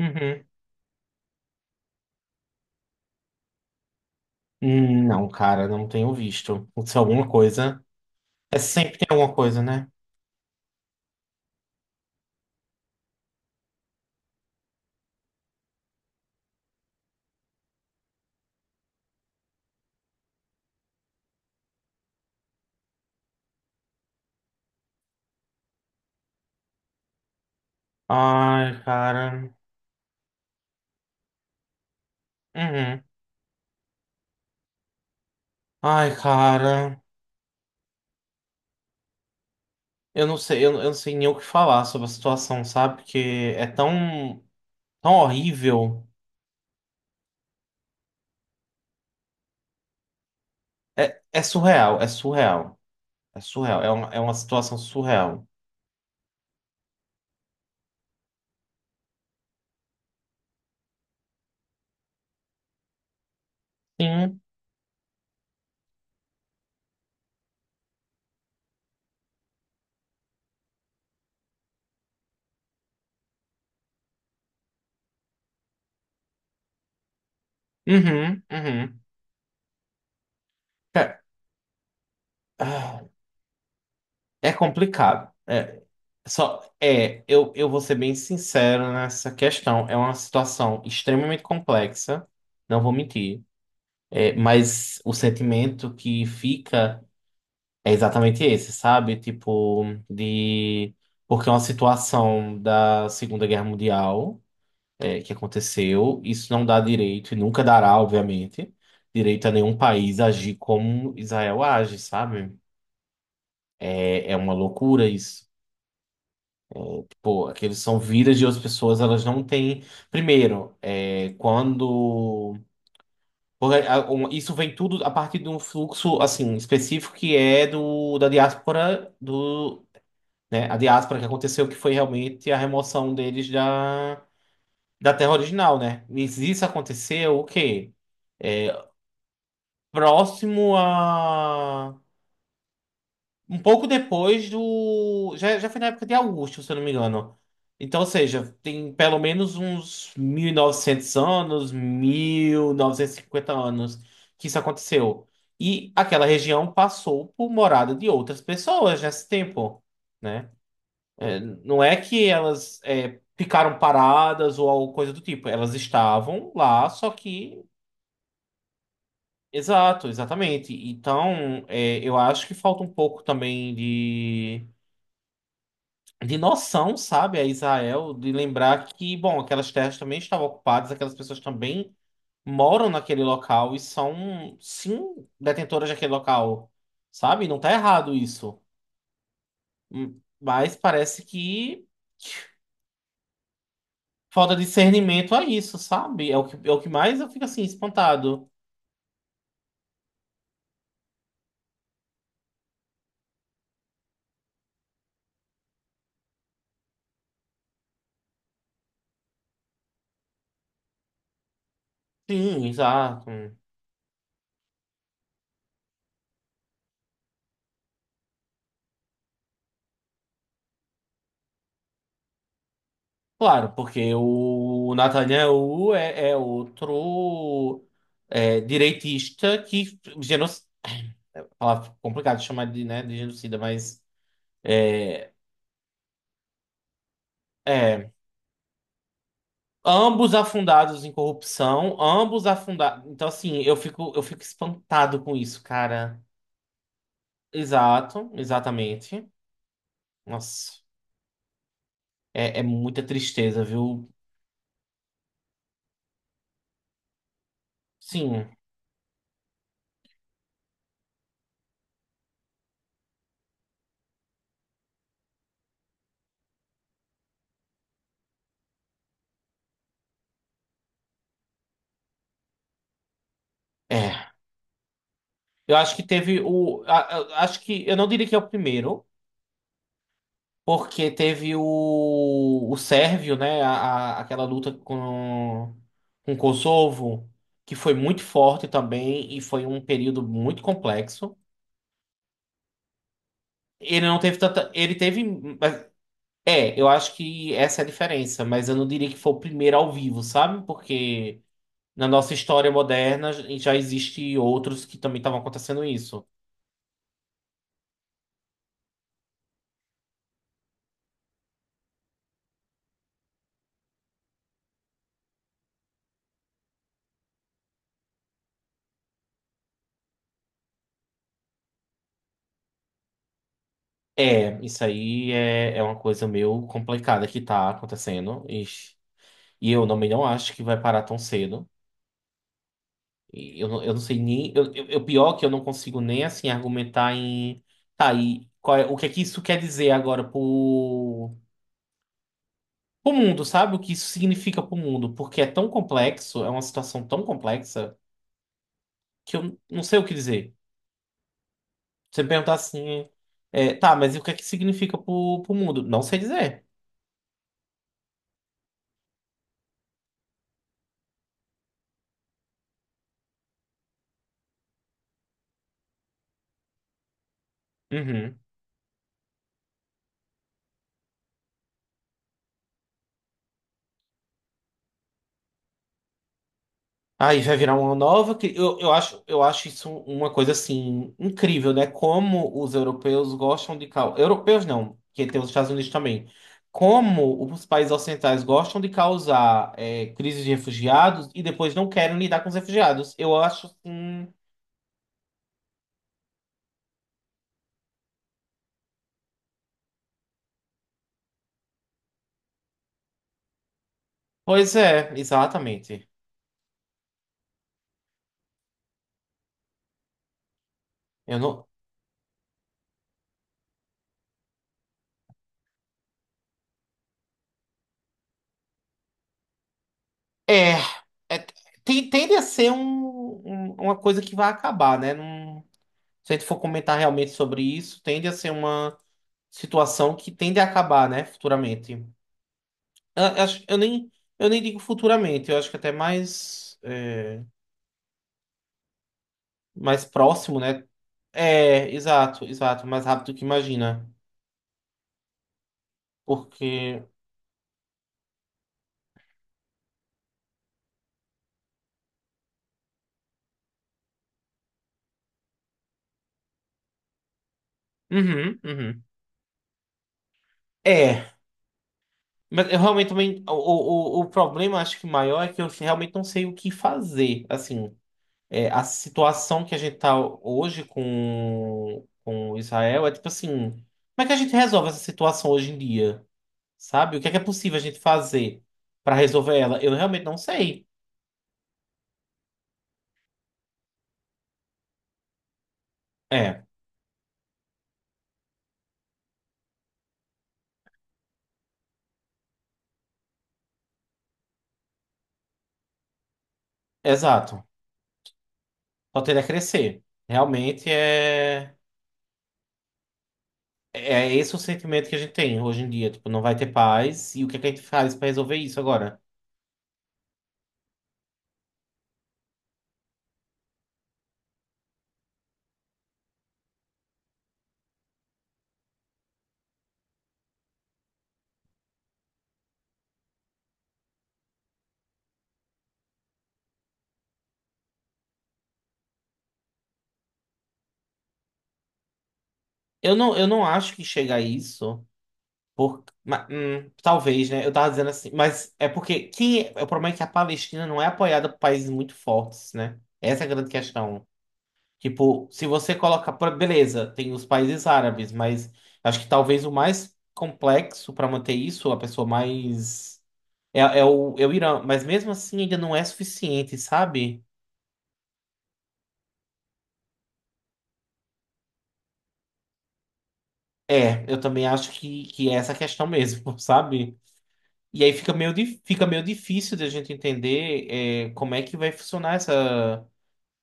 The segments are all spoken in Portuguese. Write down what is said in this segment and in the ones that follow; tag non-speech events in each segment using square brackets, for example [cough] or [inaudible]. Uhum. Não, cara, não tenho visto. Se é alguma coisa. É sempre tem alguma coisa, né? Ai, cara. Uhum. Ai, cara. Eu não sei, eu não sei nem o que falar sobre a situação, sabe? Porque é tão, tão horrível. É surreal, é surreal. É surreal. É uma situação surreal. Sim. Uhum, uhum. É, ah, é complicado. É, só, é, eu vou ser bem sincero nessa questão. É uma situação extremamente complexa, não vou mentir. Mas o sentimento que fica é exatamente esse, sabe? Tipo, de. Porque é uma situação da Segunda Guerra Mundial, que aconteceu. Isso não dá direito, e nunca dará, obviamente, direito a nenhum país agir como Israel age, sabe? É uma loucura isso. Tipo, aqueles são vidas de outras pessoas, elas não têm. Primeiro, é, quando. Porque, a, um, isso vem tudo a partir de um fluxo assim específico que é do da diáspora do, né, a diáspora que aconteceu que foi realmente a remoção deles da terra original, né? Mas isso aconteceu o quê? Próximo a um pouco depois do. Já foi na época de Augusto, se eu não me engano. Então, ou seja, tem pelo menos uns 1900 anos, 1950 anos que isso aconteceu. E aquela região passou por morada de outras pessoas nesse tempo, né? É, não é que elas ficaram paradas ou alguma coisa do tipo. Elas estavam lá, só que. Exato, exatamente. Então, eu acho que falta um pouco também de noção, sabe, a Israel, de lembrar que, bom, aquelas terras também estavam ocupadas, aquelas pessoas também moram naquele local e são, sim, detentoras daquele local, sabe? Não tá errado isso. Mas parece que falta discernimento a isso, sabe? É o que mais eu fico assim, espantado. Sim, exato. Claro, porque o Netanyahu é outro direitista que geno... Ela é complicado chamar de, né, de genocida, mas é, é, ambos afundados em corrupção, ambos afundados. Então, assim, eu fico espantado com isso, cara. Exato, exatamente. Nossa, é muita tristeza, viu? Sim, é. Eu acho que teve o. Acho que eu não diria que é o primeiro. Porque teve o, Sérvio, né? Aquela luta com Kosovo, que foi muito forte também e foi um período muito complexo. Ele não teve tanta. Ele teve. mas- É, eu acho que essa é a diferença, mas eu não diria que foi o primeiro ao vivo, sabe? Porque na nossa história moderna já existe outros que também estavam acontecendo isso. É, isso aí é uma coisa meio complicada que tá acontecendo. Ixi. E eu também não acho que vai parar tão cedo. E eu não sei nem. Pior que eu não consigo nem assim argumentar em. Tá, e o que é que isso quer dizer agora pro, mundo, sabe? O que isso significa pro mundo? Porque é tão complexo, é uma situação tão complexa, que eu não sei o que dizer. Você me perguntar assim. Tá, mas e o que é que significa pro mundo? Não sei dizer. Uhum. Aí vai virar uma nova. Eu acho isso uma coisa assim incrível, né? Como os europeus gostam de causar. Europeus não, que tem os Estados Unidos também. Como os países ocidentais gostam de causar crises de refugiados e depois não querem lidar com os refugiados. Eu acho. Pois é, exatamente. Eu não. É. é- Tende a ser uma coisa que vai acabar, né? Se a gente for comentar realmente sobre isso, tende a ser uma. Situação que tende a acabar, né, futuramente. Eu, eu acho- eu nem, eu nem digo futuramente, eu acho que até mais, mais próximo, né? Exato, exato, mais rápido que imagina. Porque. Uhum, uhum. É, mas eu realmente também. O problema, acho que maior, é que eu realmente não sei o que fazer. Assim, a situação que a gente tá hoje com Israel é tipo assim: como é que a gente resolve essa situação hoje em dia? Sabe? O que é possível a gente fazer pra resolver ela? Eu realmente não sei. É, exato. Só tende a crescer. Realmente é. É esse o sentimento que a gente tem hoje em dia. Tipo, não vai ter paz. E o que é que a gente faz pra resolver isso agora? Eu não acho que chega a isso. Talvez, né? Eu tava dizendo assim. Mas é porque. O problema é que a Palestina não é apoiada por países muito fortes, né? Essa é a grande questão. Tipo, se você coloca, beleza, tem os países árabes, mas acho que talvez o mais complexo para manter isso, a pessoa mais é o Irã, mas mesmo assim ainda não é suficiente, sabe? Eu também acho que é essa questão mesmo, [laughs] sabe? E aí fica meio difícil de a gente entender como é que vai funcionar essa.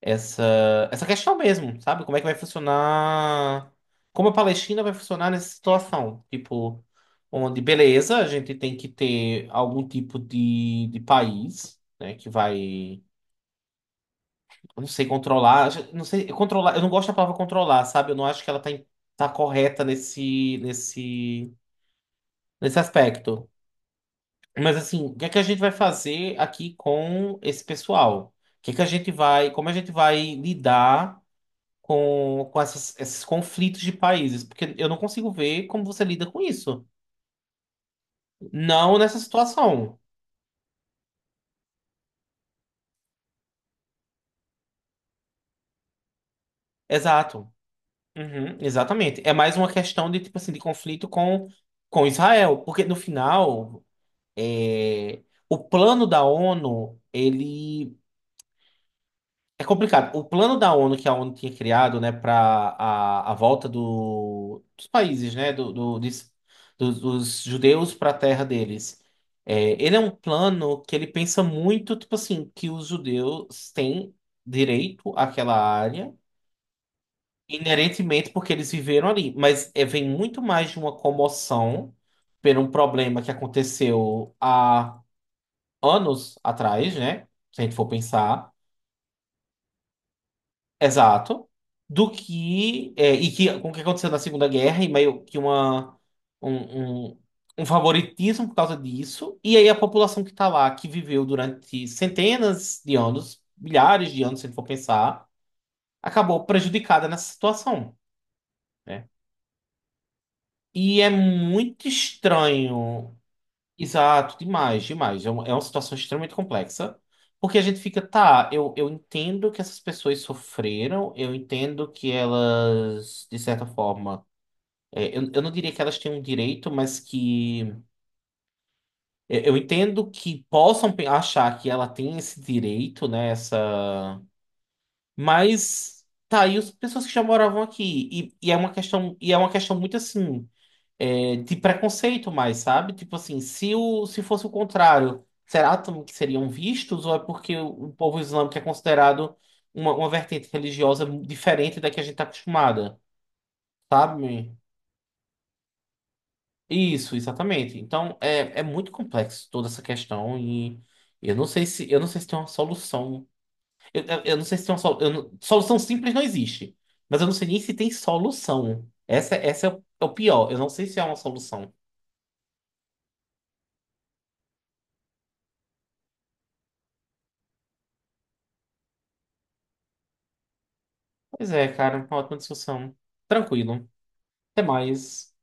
essa, questão mesmo, sabe? Como é que vai funcionar? Como a Palestina vai funcionar nessa situação? Tipo, onde, beleza, a gente tem que ter algum tipo de país, né, que vai, eu não sei, controlar, eu não sei, controlar, eu não gosto da palavra controlar, sabe? Eu não acho que ela tá, tá correta nesse aspecto. Mas assim, o que é que a gente vai fazer aqui com esse pessoal? O que é que a gente vai, como a gente vai lidar? Com esses conflitos de países, porque eu não consigo ver como você lida com isso. Não nessa situação. Exato. Uhum, exatamente. É mais uma questão de, tipo assim, de conflito com, Israel, porque no final, é, o plano da ONU, ele é complicado. O plano da ONU que a ONU tinha criado, né, para a, volta do, dos países, né, dos judeus para a terra deles, ele é um plano que ele pensa muito, tipo assim, que os judeus têm direito àquela área, inerentemente porque eles viveram ali. Mas vem muito mais de uma comoção por um problema que aconteceu há anos atrás, né, se a gente for pensar. Exato. Do que. E que, com o que aconteceu na Segunda Guerra, e meio que um, um, um favoritismo por causa disso. E aí a população que está lá, que viveu durante centenas de anos, milhares de anos, se a gente for pensar, acabou prejudicada nessa situação, né? E é muito estranho. Exato, demais, demais. É uma situação extremamente complexa, porque a gente fica, tá, eu entendo que essas pessoas sofreram, eu entendo que elas, de certa forma, eu não diria que elas têm um direito, mas que eu entendo que possam achar que ela tem esse direito, né, essa... Mas, tá, e as pessoas que já moravam aqui? E é uma questão, e é uma questão muito assim. De preconceito mais, sabe? Tipo assim, se, o, se fosse o contrário, será que seriam vistos ou é porque o, povo islâmico é considerado uma, vertente religiosa diferente da que a gente está acostumada, sabe? Isso, exatamente. Então, é muito complexo toda essa questão e eu não sei se eu não sei se tem uma solução. Eu não sei. Se tem uma solu- eu não- Solução simples não existe, mas eu não sei nem se tem solução. Essa é o pior. Eu não sei se é uma solução. Pois é, cara, uma ótima discussão. Tranquilo. Até mais.